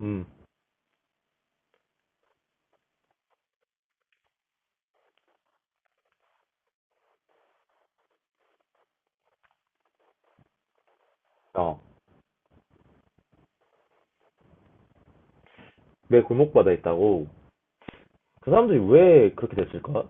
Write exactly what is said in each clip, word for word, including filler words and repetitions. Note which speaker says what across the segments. Speaker 1: 음, 어, 내 골목바다에 있다고. 그 사람들이 왜 그렇게 됐을까?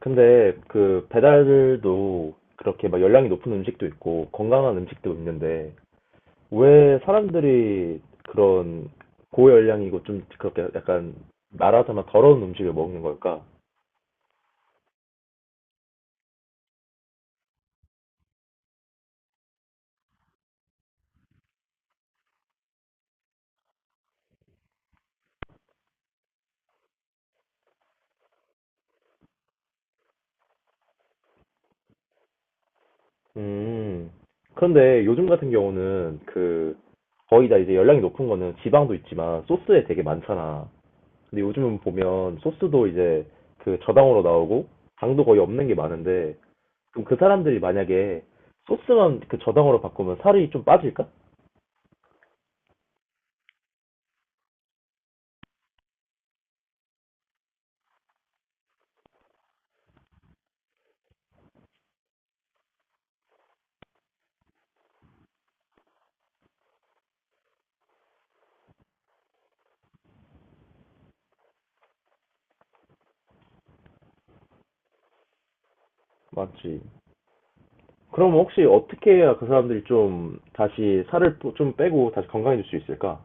Speaker 1: 근데 그 배달도 그렇게 막 열량이 높은 음식도 있고 건강한 음식도 있는데 왜 사람들이 그런 고열량이고 좀 그렇게 약간 말하자면 더러운 음식을 먹는 걸까? 음, 그런데 요즘 같은 경우는 그 거의 다 이제 열량이 높은 거는 지방도 있지만 소스에 되게 많잖아. 근데 요즘은 보면 소스도 이제 그 저당으로 나오고 당도 거의 없는 게 많은데 그럼 그 사람들이 만약에 소스만 그 저당으로 바꾸면 살이 좀 빠질까? 맞지. 그럼 혹시 어떻게 해야 그 사람들이 좀 다시 살을 또 좀 빼고 다시 건강해질 수 있을까?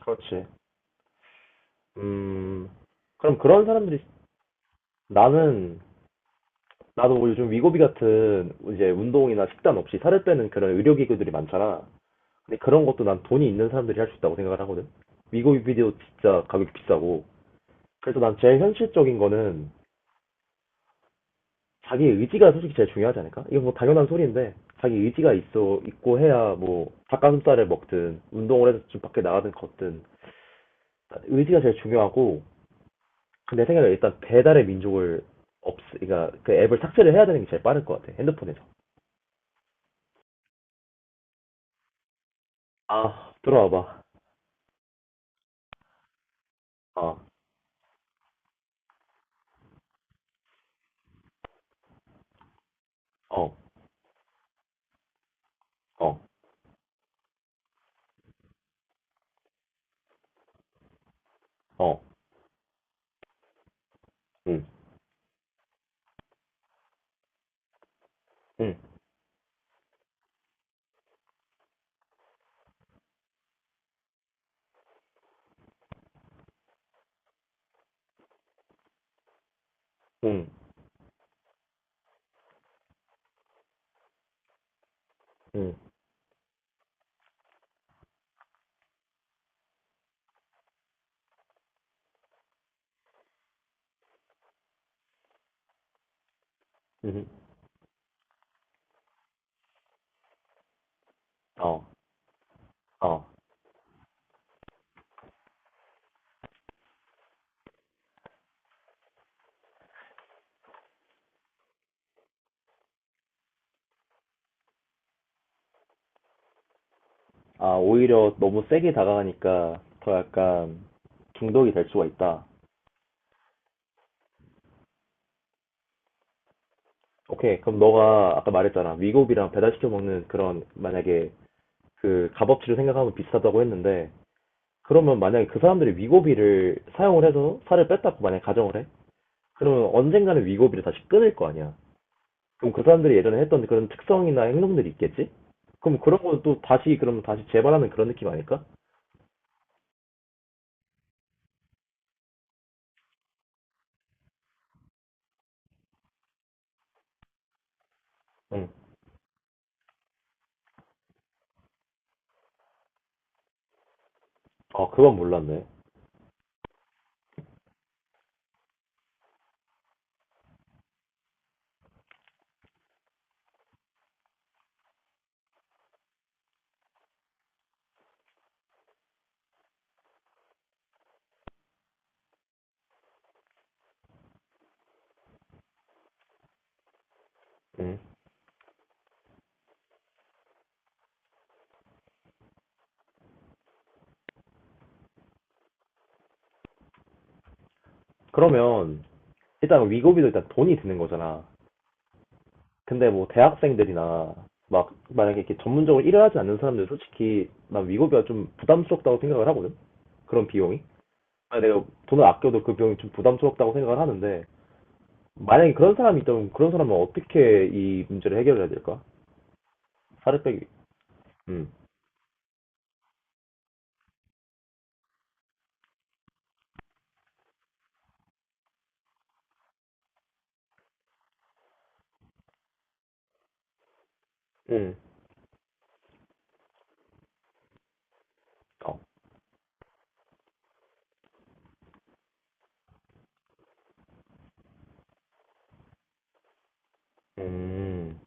Speaker 1: 그렇지. 음, 그럼 그런 사람들이 나는 나도 요즘 위고비 같은 이제 운동이나 식단 없이 살을 빼는 그런 의료기구들이 많잖아. 근데 그런 것도 난 돈이 있는 사람들이 할 수 있다고 생각을 하거든. 미국 뮤비디오 진짜 가격이 비싸고. 그래서 난 제일 현실적인 거는 자기 의지가 솔직히 제일 중요하지 않을까? 이거 뭐 당연한 소리인데 자기 의지가 있어 있고 해야 뭐 닭가슴살을 먹든 운동을 해서 좀 밖에 나가든 걷든 의지가 제일 중요하고 근데 내 생각에 일단 배달의 민족을 없 그러니까 그 앱을 삭제를 해야 되는 게 제일 빠를 것 같아 핸드폰에서. 아 들어와봐. 아어어어응응응응응어어 어. 아, 오히려 너무 세게 다가가니까 더 약간 중독이 될 수가 있다. 오케이. 그럼 너가 아까 말했잖아. 위고비랑 배달시켜 먹는 그런 만약에 그 값어치를 생각하면 비슷하다고 했는데 그러면 만약에 그 사람들이 위고비를 사용을 해서 살을 뺐다고 만약에 가정을 해? 그러면 언젠가는 위고비를 다시 끊을 거 아니야. 그럼 그 사람들이 예전에 했던 그런 특성이나 행동들이 있겠지? 그럼 그런 거는 또 다시 그럼 다시 재발하는 그런 느낌 아닐까? 응. 아, 그건 몰랐네. 응. 그러면 일단 위고비도 일단 돈이 드는 거잖아. 근데 뭐 대학생들이나 막 만약에 이렇게 전문적으로 일을 하지 않는 사람들 솔직히 난 위고비가 좀 부담스럽다고 생각을 하거든. 그런 비용이. 아, 내가 돈을 아껴도 그 비용이 좀 부담스럽다고 생각을 하는데 만약에 그런 사람이 있다면 그런 사람은 어떻게 이 문제를 해결해야 될까? 살을 빼기. 음. 음. 어. 음.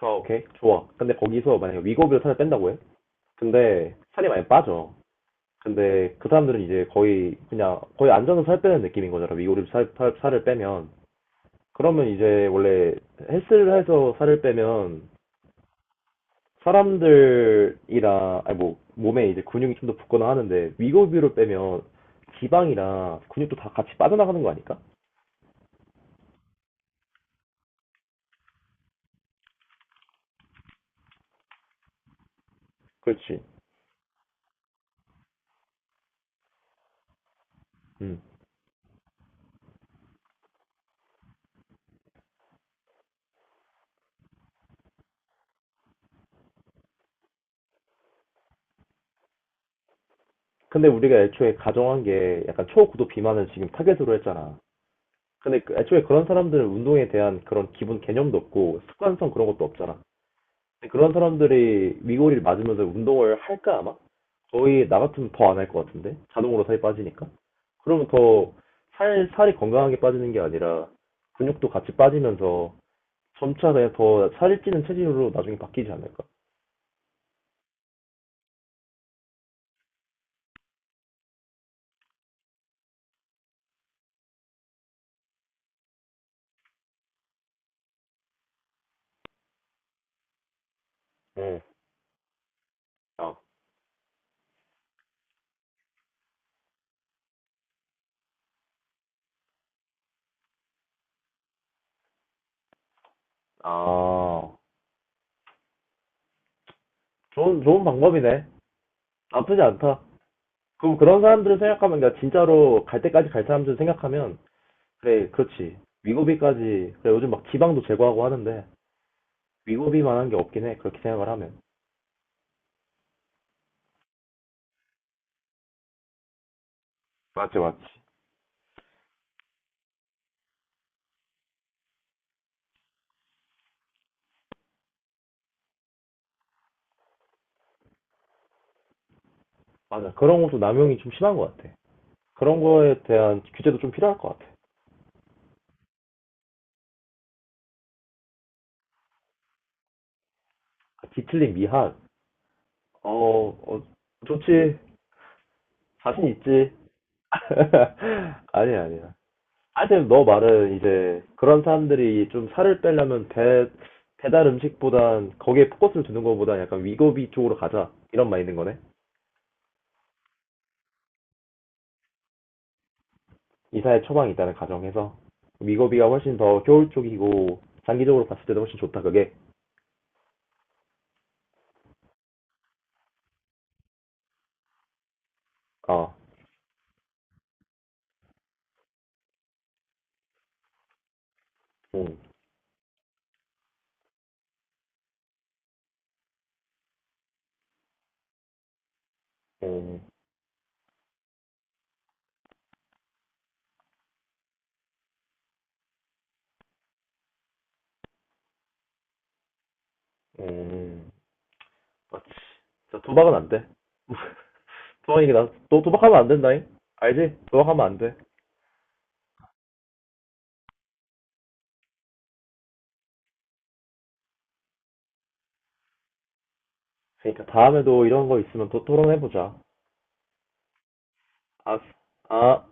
Speaker 1: 아 오케이. 좋아. 근데 거기서 만약에 위고비로 살을 뺀다고 해. 근데 살이 많이 빠져. 근데 그 사람들은 이제 거의 그냥 거의 안전로살 빼는 느낌인 거잖아. 위고를 살, 살, 살을 빼면. 그러면 이제 원래 헬스를 해서 살을 빼면 사람들이랑 아니 뭐 몸에 이제 근육이 좀 더 붙거나 하는데 위고비로 빼면 지방이랑 근육도 다 같이 빠져나가는 거 아닐까? 그렇지. 음. 근데 우리가 애초에 가정한 게 약간 초고도 비만을 지금 타겟으로 했잖아. 근데 그- 애초에 그런 사람들은 운동에 대한 그런 기본 개념도 없고 습관성 그런 것도 없잖아. 네, 그런 사람들이 위골이 맞으면서 운동을 할까 아마? 거의 나 같으면 더 안 할 것 같은데 자동으로 살이 빠지니까 그러면 더 살 살이 건강하게 빠지는 게 아니라 근육도 같이 빠지면서 점차 그냥 더 살이 찌는 체질로 나중에 바뀌지 않을까? 응. 아 아 좋은 좋은 방법이네. 나쁘지 않다. 그럼 그런 사람들을 생각하면 그러니까 진짜로 갈 때까지 갈 사람들 생각하면 그래 그렇지 위고비까지 그래 요즘 막 지방도 제거하고 하는데 위고비 만한 게 없긴 해. 그렇게 생각을 하면. 맞지, 맞지. 맞아. 그런 것도 남용이 좀 심한 것 같아. 그런 거에 대한 규제도 좀 필요할 것 같아. 뒤틀린 미학. 어, 어, 좋지. 자신 있지. 아니야, 아니야. 하여튼 너 말은 이제 그런 사람들이 좀 살을 빼려면 배, 배달 음식보단 거기에 포커스를 두는 것보다 약간 위고비 쪽으로 가자. 이런 말있는 거네. 이사의 처방이 있다는 가정에서 위고비가 훨씬 더 효율적이고 장기적으로 봤을 때도 훨씬 좋다, 그게. 어. 응. 응. 응. 맞지. 진짜 도박은 안 돼. 도박이게 나, 너 도박하면 안 된다잉? 알지? 도박하면 안 돼. 그러니까 다음에도 이런 거 있으면 또 토론해보자. 알았어. 아.